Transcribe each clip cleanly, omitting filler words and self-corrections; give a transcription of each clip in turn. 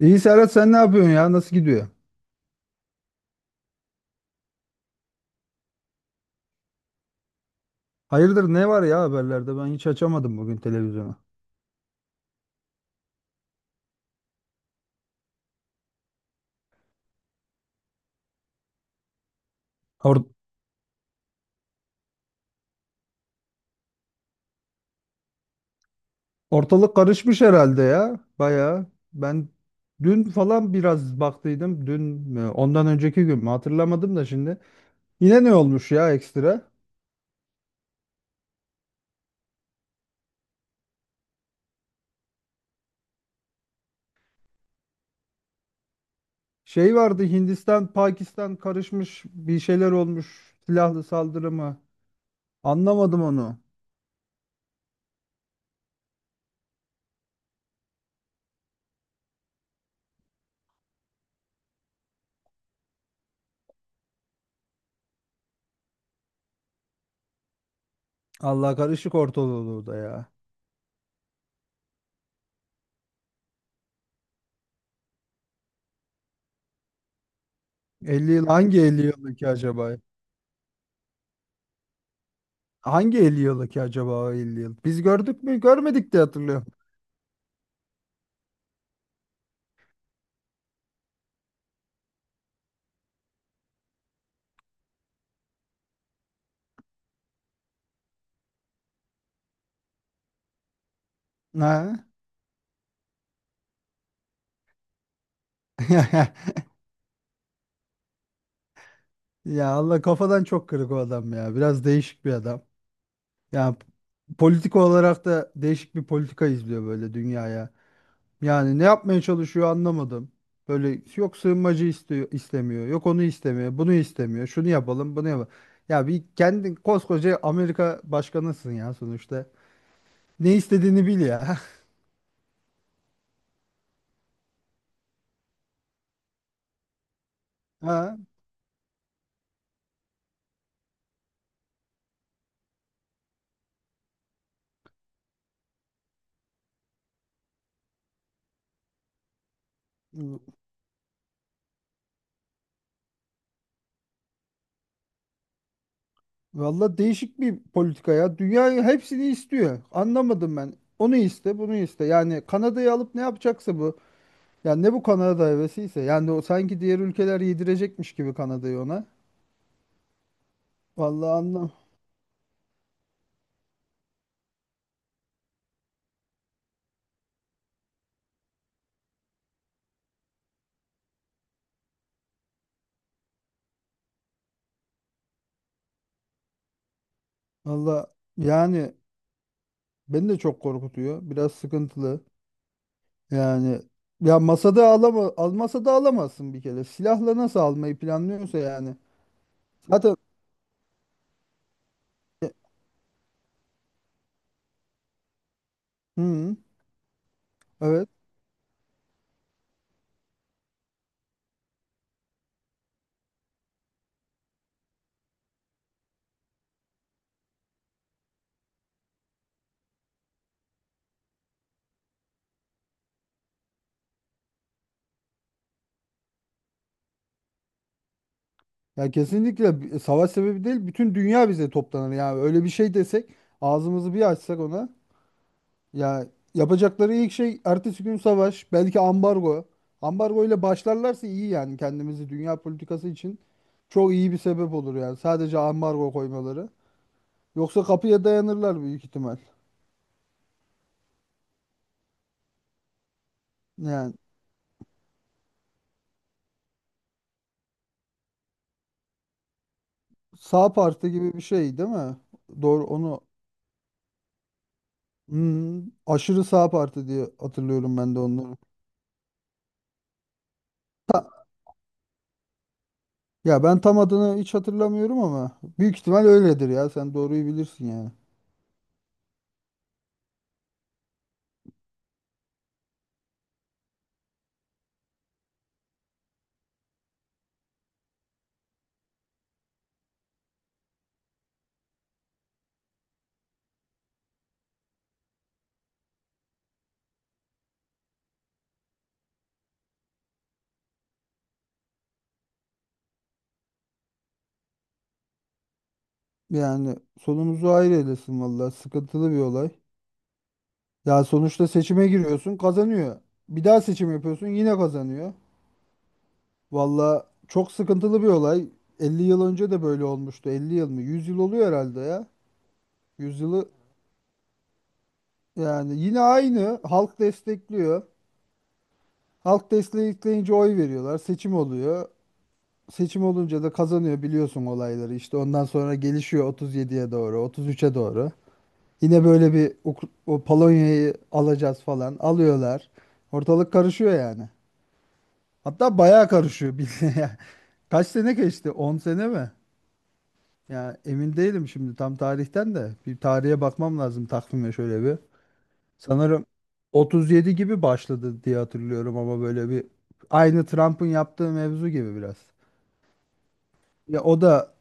İyi Serhat sen ne yapıyorsun ya? Nasıl gidiyor? Hayırdır ne var ya haberlerde? Ben hiç açamadım bugün televizyonu. Or- Ortalık karışmış herhalde ya. Bayağı. Ben dün falan biraz baktıydım. Dün mü? Ondan önceki gün mü? Hatırlamadım da şimdi. Yine ne olmuş ya ekstra? Şey vardı Hindistan, Pakistan karışmış bir şeyler olmuş. Silahlı saldırı mı? Anlamadım onu. Allah karışık ortalığı da ya. Elli yıl hangi 50 yıldaki acaba. Hangi 50 yılı ki acaba o 50 yıl? Biz gördük mü? Görmedik diye hatırlıyorum. Ha? Ya Allah kafadan çok kırık o adam ya. Biraz değişik bir adam. Ya politik olarak da değişik bir politika izliyor böyle dünyaya. Yani ne yapmaya çalışıyor anlamadım. Böyle yok sığınmacı istiyor, istemiyor. Yok onu istemiyor. Bunu istemiyor. Şunu yapalım, bunu yapalım. Ya bir kendin koskoca Amerika başkanısın ya sonuçta. Ne istediğini bil ya. Ha? Valla değişik bir politika ya. Dünya hepsini istiyor. Anlamadım ben. Onu iste, bunu iste. Yani Kanada'yı alıp ne yapacaksa bu. Yani ne bu Kanada hevesiyse. Yani o sanki diğer ülkeler yedirecekmiş gibi Kanada'yı ona. Vallahi anlam. Valla yani beni de çok korkutuyor. Biraz sıkıntılı. Yani ya masada alama almasa da alamazsın bir kere. Silahla nasıl almayı planlıyorsa yani. Zaten hı, evet. Ya kesinlikle savaş sebebi değil, bütün dünya bize toplanır yani öyle bir şey desek, ağzımızı bir açsak ona, ya yapacakları ilk şey ertesi gün savaş, belki ambargo. Ambargo ile başlarlarsa iyi yani, kendimizi dünya politikası için çok iyi bir sebep olur yani sadece ambargo koymaları. Yoksa kapıya dayanırlar büyük ihtimal. Yani sağ parti gibi bir şey değil mi? Doğru onu. Hmm, aşırı sağ parti diye hatırlıyorum ben de onları. Ya ben tam adını hiç hatırlamıyorum ama büyük ihtimal öyledir ya. Sen doğruyu bilirsin yani. Yani sonumuzu hayır eylesin vallahi. Sıkıntılı bir olay. Ya sonuçta seçime giriyorsun, kazanıyor. Bir daha seçim yapıyorsun, yine kazanıyor. Vallahi çok sıkıntılı bir olay. 50 yıl önce de böyle olmuştu. 50 yıl mı? 100 yıl oluyor herhalde ya. 100 yılı yani yine aynı. Halk destekliyor. Halk destekleyince oy veriyorlar. Seçim oluyor. Seçim olunca da kazanıyor biliyorsun olayları. İşte ondan sonra gelişiyor 37'ye doğru, 33'e doğru. Yine böyle bir o Polonya'yı alacağız falan, alıyorlar. Ortalık karışıyor yani. Hatta bayağı karışıyor bildiğin ya. Kaç sene geçti? 10 sene mi? Ya emin değilim şimdi tam tarihten de. Bir tarihe bakmam lazım, takvime şöyle bir. Sanırım 37 gibi başladı diye hatırlıyorum ama böyle bir, aynı Trump'ın yaptığı mevzu gibi biraz. Ya o da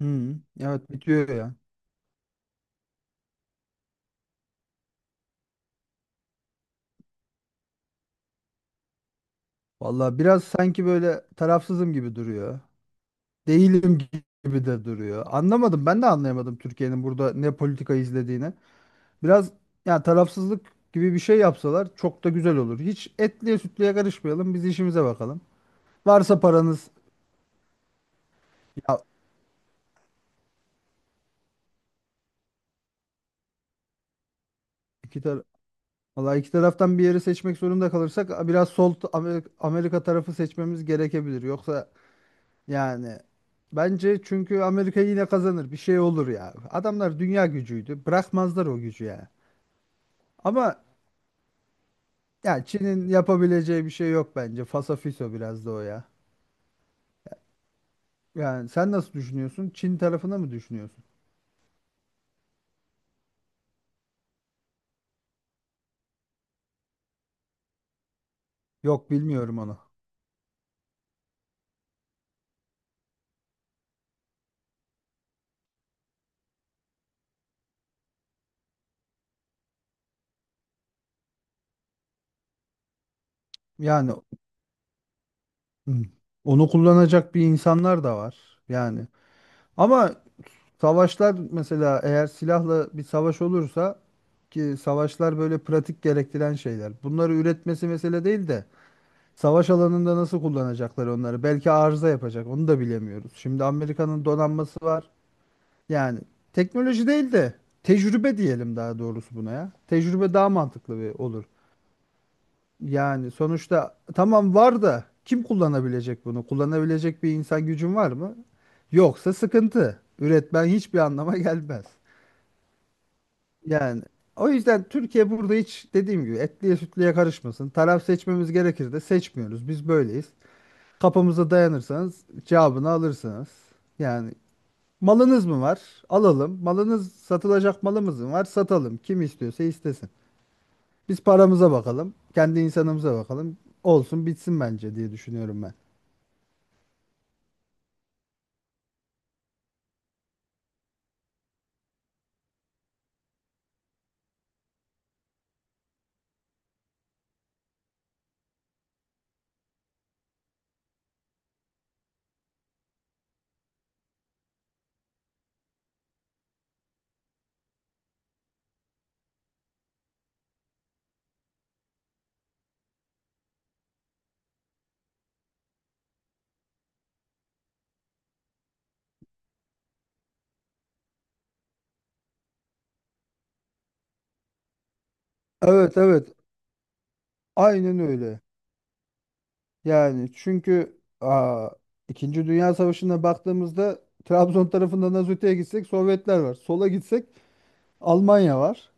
hı, evet, bitiyor ya. Vallahi biraz sanki böyle tarafsızım gibi duruyor. Değilim gibi de duruyor. Anlamadım. Ben de anlayamadım Türkiye'nin burada ne politika izlediğini. Biraz yani tarafsızlık gibi bir şey yapsalar çok da güzel olur. Hiç etliye sütlüye karışmayalım. Biz işimize bakalım. Varsa paranız. Ya iki tar vallahi iki taraftan bir yeri seçmek zorunda kalırsak biraz Amerika tarafı seçmemiz gerekebilir. Yoksa yani bence çünkü Amerika yine kazanır. Bir şey olur ya. Adamlar dünya gücüydü. Bırakmazlar o gücü ya. Ama yani Çin'in yapabileceği bir şey yok bence. Fasafiso biraz da o ya. Yani sen nasıl düşünüyorsun? Çin tarafına mı düşünüyorsun? Yok, bilmiyorum onu. Yani hmm, onu kullanacak bir insanlar da var. Yani ama savaşlar, mesela eğer silahla bir savaş olursa, ki savaşlar böyle pratik gerektiren şeyler. Bunları üretmesi mesele değil de savaş alanında nasıl kullanacaklar onları? Belki arıza yapacak. Onu da bilemiyoruz. Şimdi Amerika'nın donanması var. Yani teknoloji değil de tecrübe diyelim daha doğrusu buna ya. Tecrübe daha mantıklı bir olur. Yani sonuçta tamam, var da kim kullanabilecek bunu? Kullanabilecek bir insan gücün var mı? Yoksa sıkıntı. Üretmen hiçbir anlama gelmez. Yani o yüzden Türkiye burada hiç dediğim gibi etliye sütlüye karışmasın. Taraf seçmemiz gerekir de seçmiyoruz. Biz böyleyiz. Kapımıza dayanırsanız cevabını alırsınız. Yani malınız mı var? Alalım. Malınız satılacak, malımız mı var? Satalım. Kim istiyorsa istesin. Biz paramıza bakalım. Kendi insanımıza bakalım. Olsun bitsin bence, diye düşünüyorum ben. Evet, evet. Aynen öyle. Yani çünkü İkinci Dünya Savaşı'na baktığımızda Trabzon tarafından az öteye gitsek Sovyetler var. Sola gitsek Almanya var.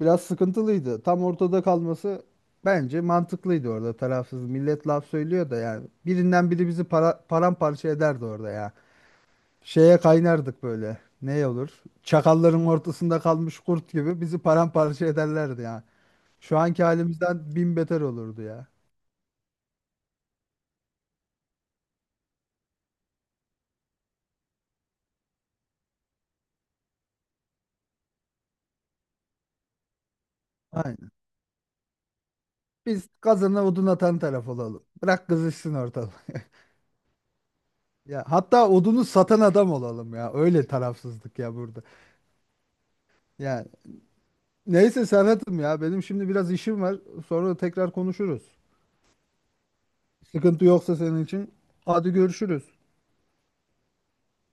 Biraz sıkıntılıydı. Tam ortada kalması bence mantıklıydı orada, tarafsız. Millet laf söylüyor da yani. Birinden biri bizi paramparça ederdi orada ya. Şeye kaynardık böyle. Ne olur? Çakalların ortasında kalmış kurt gibi bizi paramparça ederlerdi ya. Şu anki halimizden bin beter olurdu ya. Aynen. Biz kazana odun atan taraf olalım. Bırak kızışsın ortalık. Ya hatta odunu satan adam olalım ya. Öyle tarafsızlık ya burada. Ya neyse Serhat'ım ya, benim şimdi biraz işim var. Sonra tekrar konuşuruz. Sıkıntı yoksa senin için. Hadi görüşürüz.